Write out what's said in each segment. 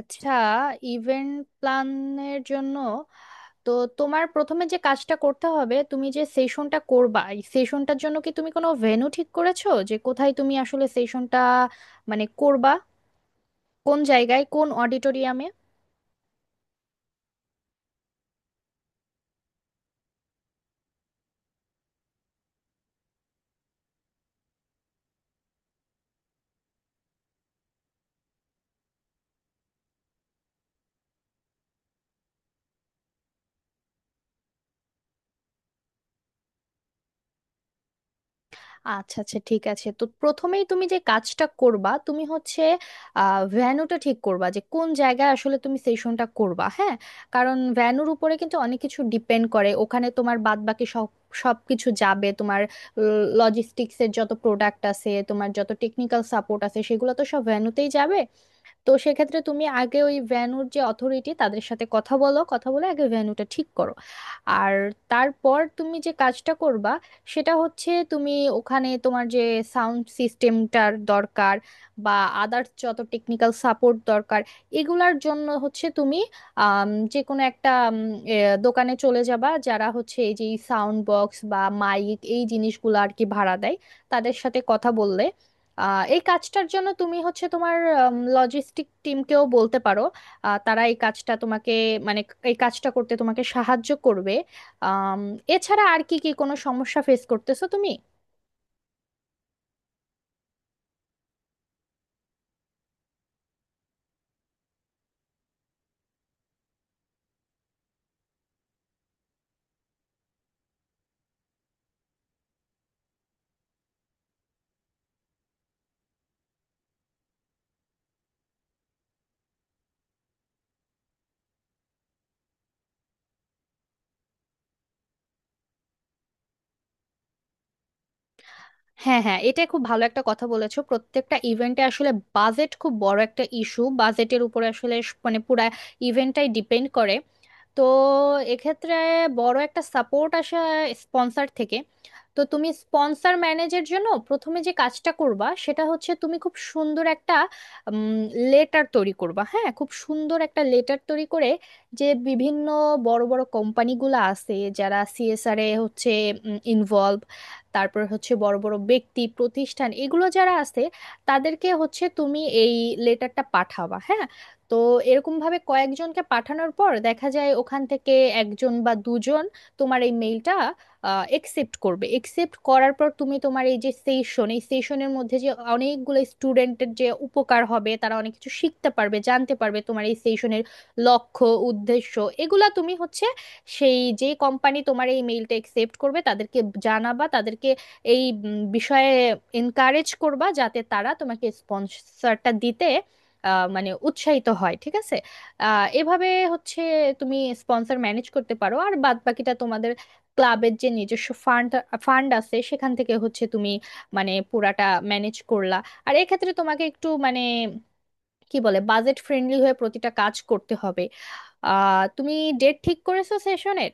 আচ্ছা, ইভেন্ট প্ল্যানের জন্য তো তোমার প্রথমে যে কাজটা করতে হবে, তুমি যে সেশনটা করবা এই সেশনটার জন্য কি তুমি কোনো ভেন্যু ঠিক করেছো, যে কোথায় তুমি আসলে সেশনটা করবা, কোন জায়গায়, কোন অডিটোরিয়ামে? আচ্ছা আচ্ছা, ঠিক আছে। তো প্রথমেই তুমি যে কাজটা করবা তুমি হচ্ছে ভ্যানুটা ঠিক করবা, যে কোন জায়গায় আসলে তুমি সেশনটা করবা। হ্যাঁ, কারণ ভ্যানুর উপরে কিন্তু অনেক কিছু ডিপেন্ড করে। ওখানে তোমার বাদ বাকি সবকিছু যাবে, তোমার লজিস্টিক্সের যত প্রোডাক্ট আছে, তোমার যত টেকনিক্যাল সাপোর্ট আছে, সেগুলো তো সব ভ্যানুতেই যাবে। তো সেক্ষেত্রে তুমি আগে ওই ভেন্যুর যে অথরিটি, তাদের সাথে কথা বলো, কথা বলে আগে ভেন্যুটা ঠিক করো। আর তারপর তুমি যে কাজটা করবা সেটা হচ্ছে, তুমি ওখানে তোমার যে সাউন্ড সিস্টেমটার দরকার, বা আদার্স যত টেকনিক্যাল সাপোর্ট দরকার, এগুলার জন্য হচ্ছে তুমি যে কোনো একটা এ, দোকানে চলে যাবা, যারা হচ্ছে এই যে সাউন্ড বক্স বা মাইক এই জিনিসগুলো আর কি ভাড়া দেয়, তাদের সাথে কথা বললে এই কাজটার জন্য তুমি হচ্ছে তোমার লজিস্টিক টিমকেও বলতে পারো। তারা এই কাজটা তোমাকে মানে এই কাজটা করতে তোমাকে সাহায্য করবে। আম, এছাড়া আর কি কি কোনো সমস্যা ফেস করতেছো তুমি? হ্যাঁ হ্যাঁ, এটা খুব ভালো একটা কথা বলেছো। প্রত্যেকটা ইভেন্টে আসলে বাজেট খুব বড় একটা ইস্যু। বাজেটের উপরে আসলে মানে পুরা ইভেন্টটাই ডিপেন্ড করে। তো এক্ষেত্রে বড় একটা সাপোর্ট আসে স্পন্সর থেকে। তো তুমি স্পন্সর ম্যানেজের জন্য প্রথমে যে কাজটা করবা সেটা হচ্ছে, তুমি খুব সুন্দর একটা লেটার তৈরি করবা। হ্যাঁ, খুব সুন্দর একটা লেটার তৈরি করে, যে বিভিন্ন বড় বড় কোম্পানিগুলো আছে যারা সিএসআর এ হচ্ছে ইনভলভ, তারপর হচ্ছে বড় বড় ব্যক্তি প্রতিষ্ঠান এগুলো যারা আছে, তাদেরকে হচ্ছে তুমি এই লেটারটা পাঠাবা। হ্যাঁ, তো এরকম ভাবে কয়েকজনকে পাঠানোর পর দেখা যায় ওখান থেকে একজন বা দুজন তোমার এই মেইলটা একসেপ্ট করবে। একসেপ্ট করার পর তুমি তোমার এই যে সেশন, এই সেশনের মধ্যে যে অনেকগুলো স্টুডেন্টের যে উপকার হবে, তারা অনেক কিছু শিখতে পারবে, জানতে পারবে, তোমার এই সেশনের লক্ষ্য উদ্দেশ্য এগুলা তুমি হচ্ছে সেই যে কোম্পানি তোমার এই মেইলটা একসেপ্ট করবে তাদেরকে জানাবা, তাদেরকে এই বিষয়ে এনকারেজ করবা, যাতে তারা তোমাকে স্পন্সরটা দিতে মানে উৎসাহিত হয়। ঠিক আছে? এভাবে হচ্ছে তুমি স্পন্সর ম্যানেজ করতে পারো। আর বাদ বাকিটা তোমাদের ক্লাবের যে নিজস্ব ফান্ড ফান্ড আছে সেখান থেকে হচ্ছে তুমি মানে পুরাটা ম্যানেজ করলা। আর এক্ষেত্রে তোমাকে একটু মানে কি বলে, বাজেট ফ্রেন্ডলি হয়ে প্রতিটা কাজ করতে হবে। তুমি ডেট ঠিক করেছো সেশনের?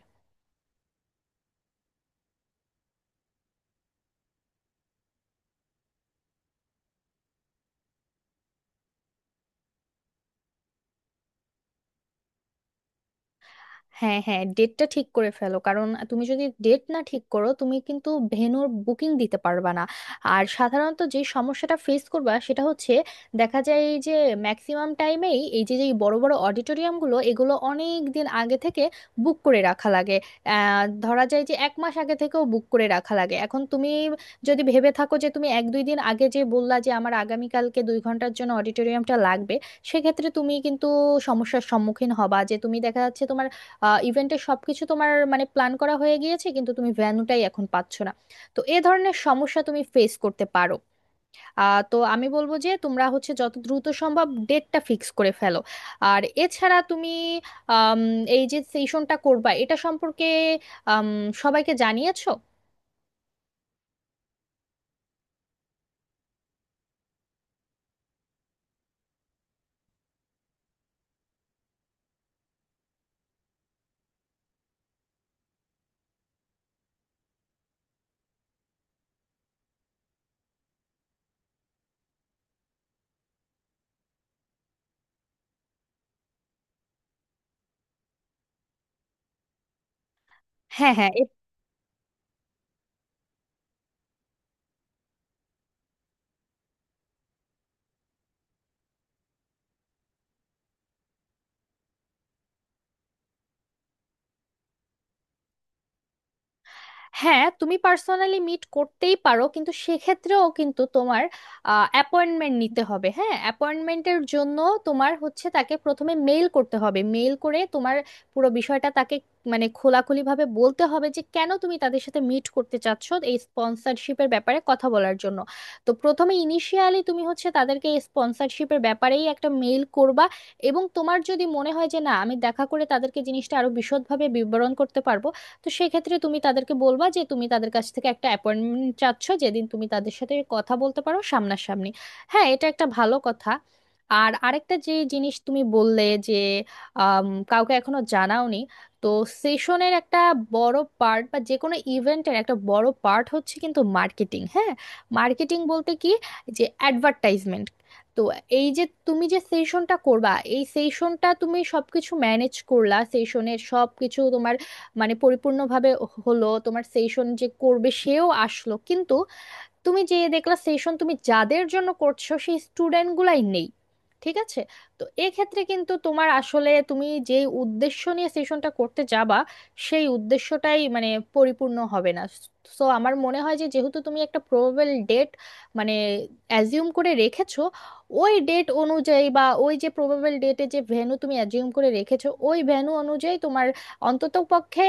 হ্যাঁ হ্যাঁ, ডেটটা ঠিক করে ফেলো, কারণ তুমি যদি ডেট না ঠিক করো তুমি কিন্তু ভেন্যুর বুকিং দিতে পারবা না। আর সাধারণত যে সমস্যাটা ফেস করবা সেটা হচ্ছে, দেখা যায় এই যে ম্যাক্সিমাম টাইমেই এই যে যে বড় বড় অডিটোরিয়ামগুলো এগুলো অনেক দিন আগে থেকে বুক করে রাখা লাগে। ধরা যায় যে এক মাস আগে থেকেও বুক করে রাখা লাগে। এখন তুমি যদি ভেবে থাকো যে তুমি এক দুই দিন আগে যে বললা যে আমার আগামীকালকে 2 ঘন্টার জন্য অডিটোরিয়ামটা লাগবে, সেক্ষেত্রে তুমি কিন্তু সমস্যার সম্মুখীন হবা, যে তুমি দেখা যাচ্ছে তোমার ইভেন্টের সবকিছু তোমার মানে প্ল্যান করা হয়ে গিয়েছে, কিন্তু তুমি ভেন্যুটাই এখন পাচ্ছ না। তো এ ধরনের সমস্যা তুমি ফেস করতে পারো। তো আমি বলবো যে তোমরা হচ্ছে যত দ্রুত সম্ভব ডেটটা ফিক্স করে ফেলো। আর এছাড়া তুমি আম, এই যে সেশনটা করবা এটা সম্পর্কে আম, সবাইকে জানিয়েছো? হ্যাঁ হ্যাঁ। হ্যাঁ, তুমি পার্সোনালি মিট করতেই পারো, কিন্তু সেক্ষেত্রেও কিন্তু তোমার অ্যাপয়েন্টমেন্ট নিতে হবে। হ্যাঁ, অ্যাপয়েন্টমেন্টের জন্য তোমার হচ্ছে তাকে প্রথমে মেইল করতে হবে। মেইল করে তোমার পুরো বিষয়টা তাকে মানে খোলাখুলিভাবে বলতে হবে, যে কেন তুমি তাদের সাথে মিট করতে চাচ্ছ এই স্পন্সরশিপের ব্যাপারে কথা বলার জন্য। তো প্রথমে ইনিশিয়ালি তুমি হচ্ছে তাদেরকে এই স্পন্সরশিপের ব্যাপারেই একটা মেইল করবা। এবং তোমার যদি মনে হয় যে না, আমি দেখা করে তাদেরকে জিনিসটা আরো বিশদভাবে বিবরণ করতে পারবো, তো সেক্ষেত্রে তুমি তাদেরকে বলবা যে তুমি তাদের কাছ থেকে একটা অ্যাপয়েন্টমেন্ট চাচ্ছ, যেদিন তুমি তাদের সাথে কথা বলতে পারো সামনাসামনি। হ্যাঁ, এটা একটা ভালো কথা। আর আরেকটা যে জিনিস তুমি বললে যে আম, কাউকে এখনো জানাওনি। তো সেশনের একটা বড় পার্ট বা যে কোনো ইভেন্টের একটা বড় পার্ট হচ্ছে কিন্তু মার্কেটিং। হ্যাঁ, মার্কেটিং বলতে কি, যে অ্যাডভার্টাইজমেন্ট। তো এই যে তুমি যে সেশনটা করবা, এই সেশনটা তুমি সবকিছু ম্যানেজ করলা, সেশনের সবকিছু তোমার মানে পরিপূর্ণভাবে হলো, তোমার সেশন যে করবে সেও আসলো, কিন্তু তুমি যে দেখলা সেশন তুমি যাদের জন্য করছো সেই স্টুডেন্ট গুলাই নেই। ঠিক আছে? তো এক্ষেত্রে কিন্তু তোমার আসলে তুমি যে উদ্দেশ্য নিয়ে সেশনটা করতে যাবা সেই উদ্দেশ্যটাই মানে পরিপূর্ণ হবে না। সো আমার মনে হয় যে, যেহেতু তুমি একটা প্রবেবল ডেট মানে অ্যাজিউম করে রেখেছো, ওই ডেট অনুযায়ী বা ওই যে প্রবেবল ডেটে যে ভেন্যু তুমি অ্যাজিউম করে রেখেছো, ওই ভেন্যু অনুযায়ী তোমার অন্ততপক্ষে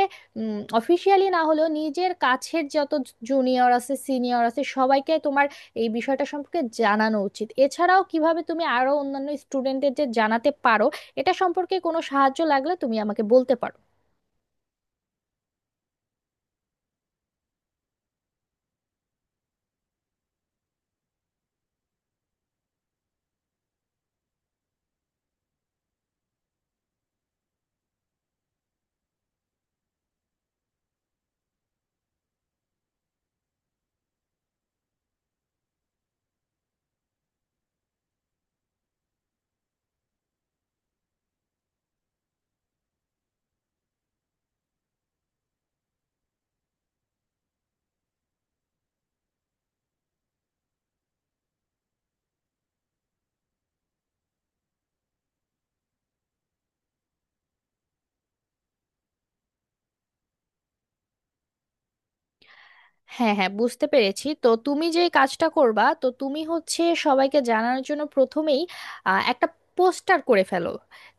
অফিসিয়ালি না হলেও নিজের কাছের যত জুনিয়র আছে, সিনিয়র আছে, সবাইকে তোমার এই বিষয়টা সম্পর্কে জানানো উচিত। এছাড়াও কিভাবে তুমি আরো অন্যান্য স্টুডেন্টদের যে জানাতে পারো, এটা সম্পর্কে কোনো সাহায্য লাগলে তুমি আমাকে বলতে পারো। হ্যাঁ হ্যাঁ, বুঝতে পেরেছি। তো তুমি যে কাজটা করবা, তো তুমি হচ্ছে সবাইকে জানানোর জন্য প্রথমেই একটা পোস্টার করে ফেলো।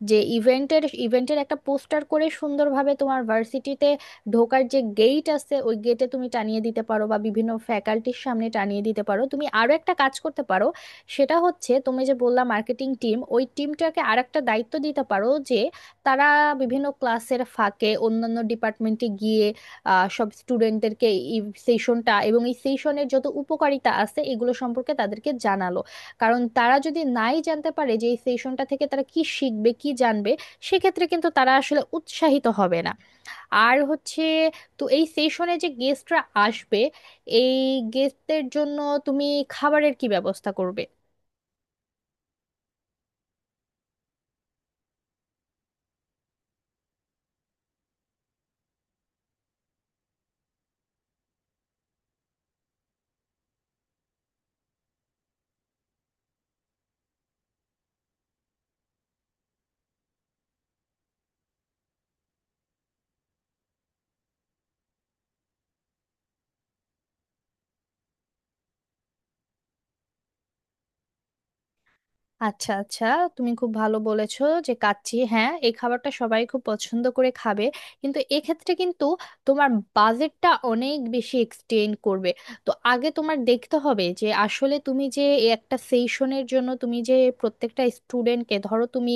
যে ইভেন্টের ইভেন্টের একটা পোস্টার করে সুন্দরভাবে তোমার ভার্সিটিতে ঢোকার যে গেট আছে ওই গেটে তুমি টানিয়ে দিতে পারো, বা বিভিন্ন ফ্যাকাল্টির সামনে টানিয়ে দিতে পারো। তুমি আরো একটা কাজ করতে পারো, সেটা হচ্ছে তুমি যে বললা মার্কেটিং টিম, ওই টিমটাকে আর একটা দায়িত্ব দিতে পারো, যে তারা বিভিন্ন ক্লাসের ফাঁকে অন্যান্য ডিপার্টমেন্টে গিয়ে সব স্টুডেন্টদেরকে এই সেশনটা এবং এই সেশনের যত উপকারিতা আছে এগুলো সম্পর্কে তাদেরকে জানালো। কারণ তারা যদি নাই জানতে পারে যে এই সেশনটা থেকে তারা কি শিখবে কি জানবে, সেক্ষেত্রে কিন্তু তারা আসলে উৎসাহিত হবে না। আর হচ্ছে তো এই সেশনে যে গেস্টরা আসবে, এই গেস্টদের জন্য তুমি খাবারের কি ব্যবস্থা করবে? আচ্ছা আচ্ছা, তুমি খুব ভালো বলেছো যে কাচ্চি। হ্যাঁ, এই খাবারটা সবাই খুব পছন্দ করে খাবে, কিন্তু এক্ষেত্রে কিন্তু তোমার বাজেটটা অনেক বেশি এক্সটেন্ড করবে। তো আগে তোমার দেখতে হবে যে আসলে তুমি যে এই একটা সেশনের জন্য তুমি যে প্রত্যেকটা স্টুডেন্টকে, ধরো তুমি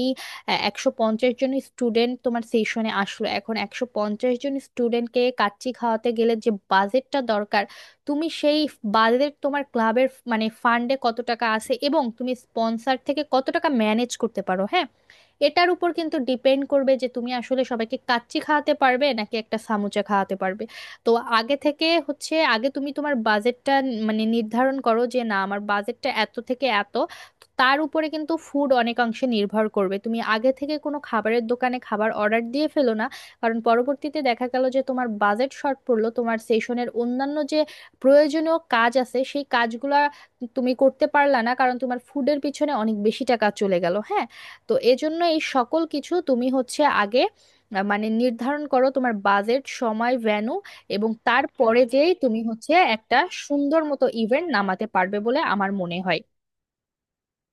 150 জন স্টুডেন্ট তোমার সেশনে আসলো, এখন 150 জন স্টুডেন্টকে কাচ্চি খাওয়াতে গেলে যে বাজেটটা দরকার, তুমি সেই বাজেট তোমার ক্লাবের মানে ফান্ডে কত টাকা আছে এবং তুমি স্পন্সর থেকে কত টাকা ম্যানেজ করতে পারো। হ্যাঁ, এটার উপর কিন্তু ডিপেন্ড করবে যে তুমি আসলে সবাইকে কাচ্চি খাওয়াতে পারবে নাকি একটা সামুচা খাওয়াতে পারবে। তো আগে থেকে হচ্ছে, আগে তুমি তোমার বাজেটটা মানে নির্ধারণ করো, যে না আমার বাজেটটা এত থেকে এত, তো তার উপরে কিন্তু ফুড অনেকাংশে নির্ভর করবে। তুমি আগে থেকে কোনো খাবারের দোকানে খাবার অর্ডার দিয়ে ফেলো না, কারণ পরবর্তীতে দেখা গেল যে তোমার বাজেট শর্ট পড়লো, তোমার সেশনের অন্যান্য যে প্রয়োজনীয় কাজ আছে সেই কাজগুলা তুমি করতে পারলা না, কারণ তোমার ফুডের পিছনে অনেক বেশি টাকা চলে গেল। হ্যাঁ, তো এজন্য এই সকল কিছু তুমি হচ্ছে আগে মানে নির্ধারণ করো তোমার বাজেট, সময়, ভ্যানু, এবং তারপরে যেই তুমি হচ্ছে একটা সুন্দর মতো ইভেন্ট নামাতে পারবে বলে আমার মনে হয়।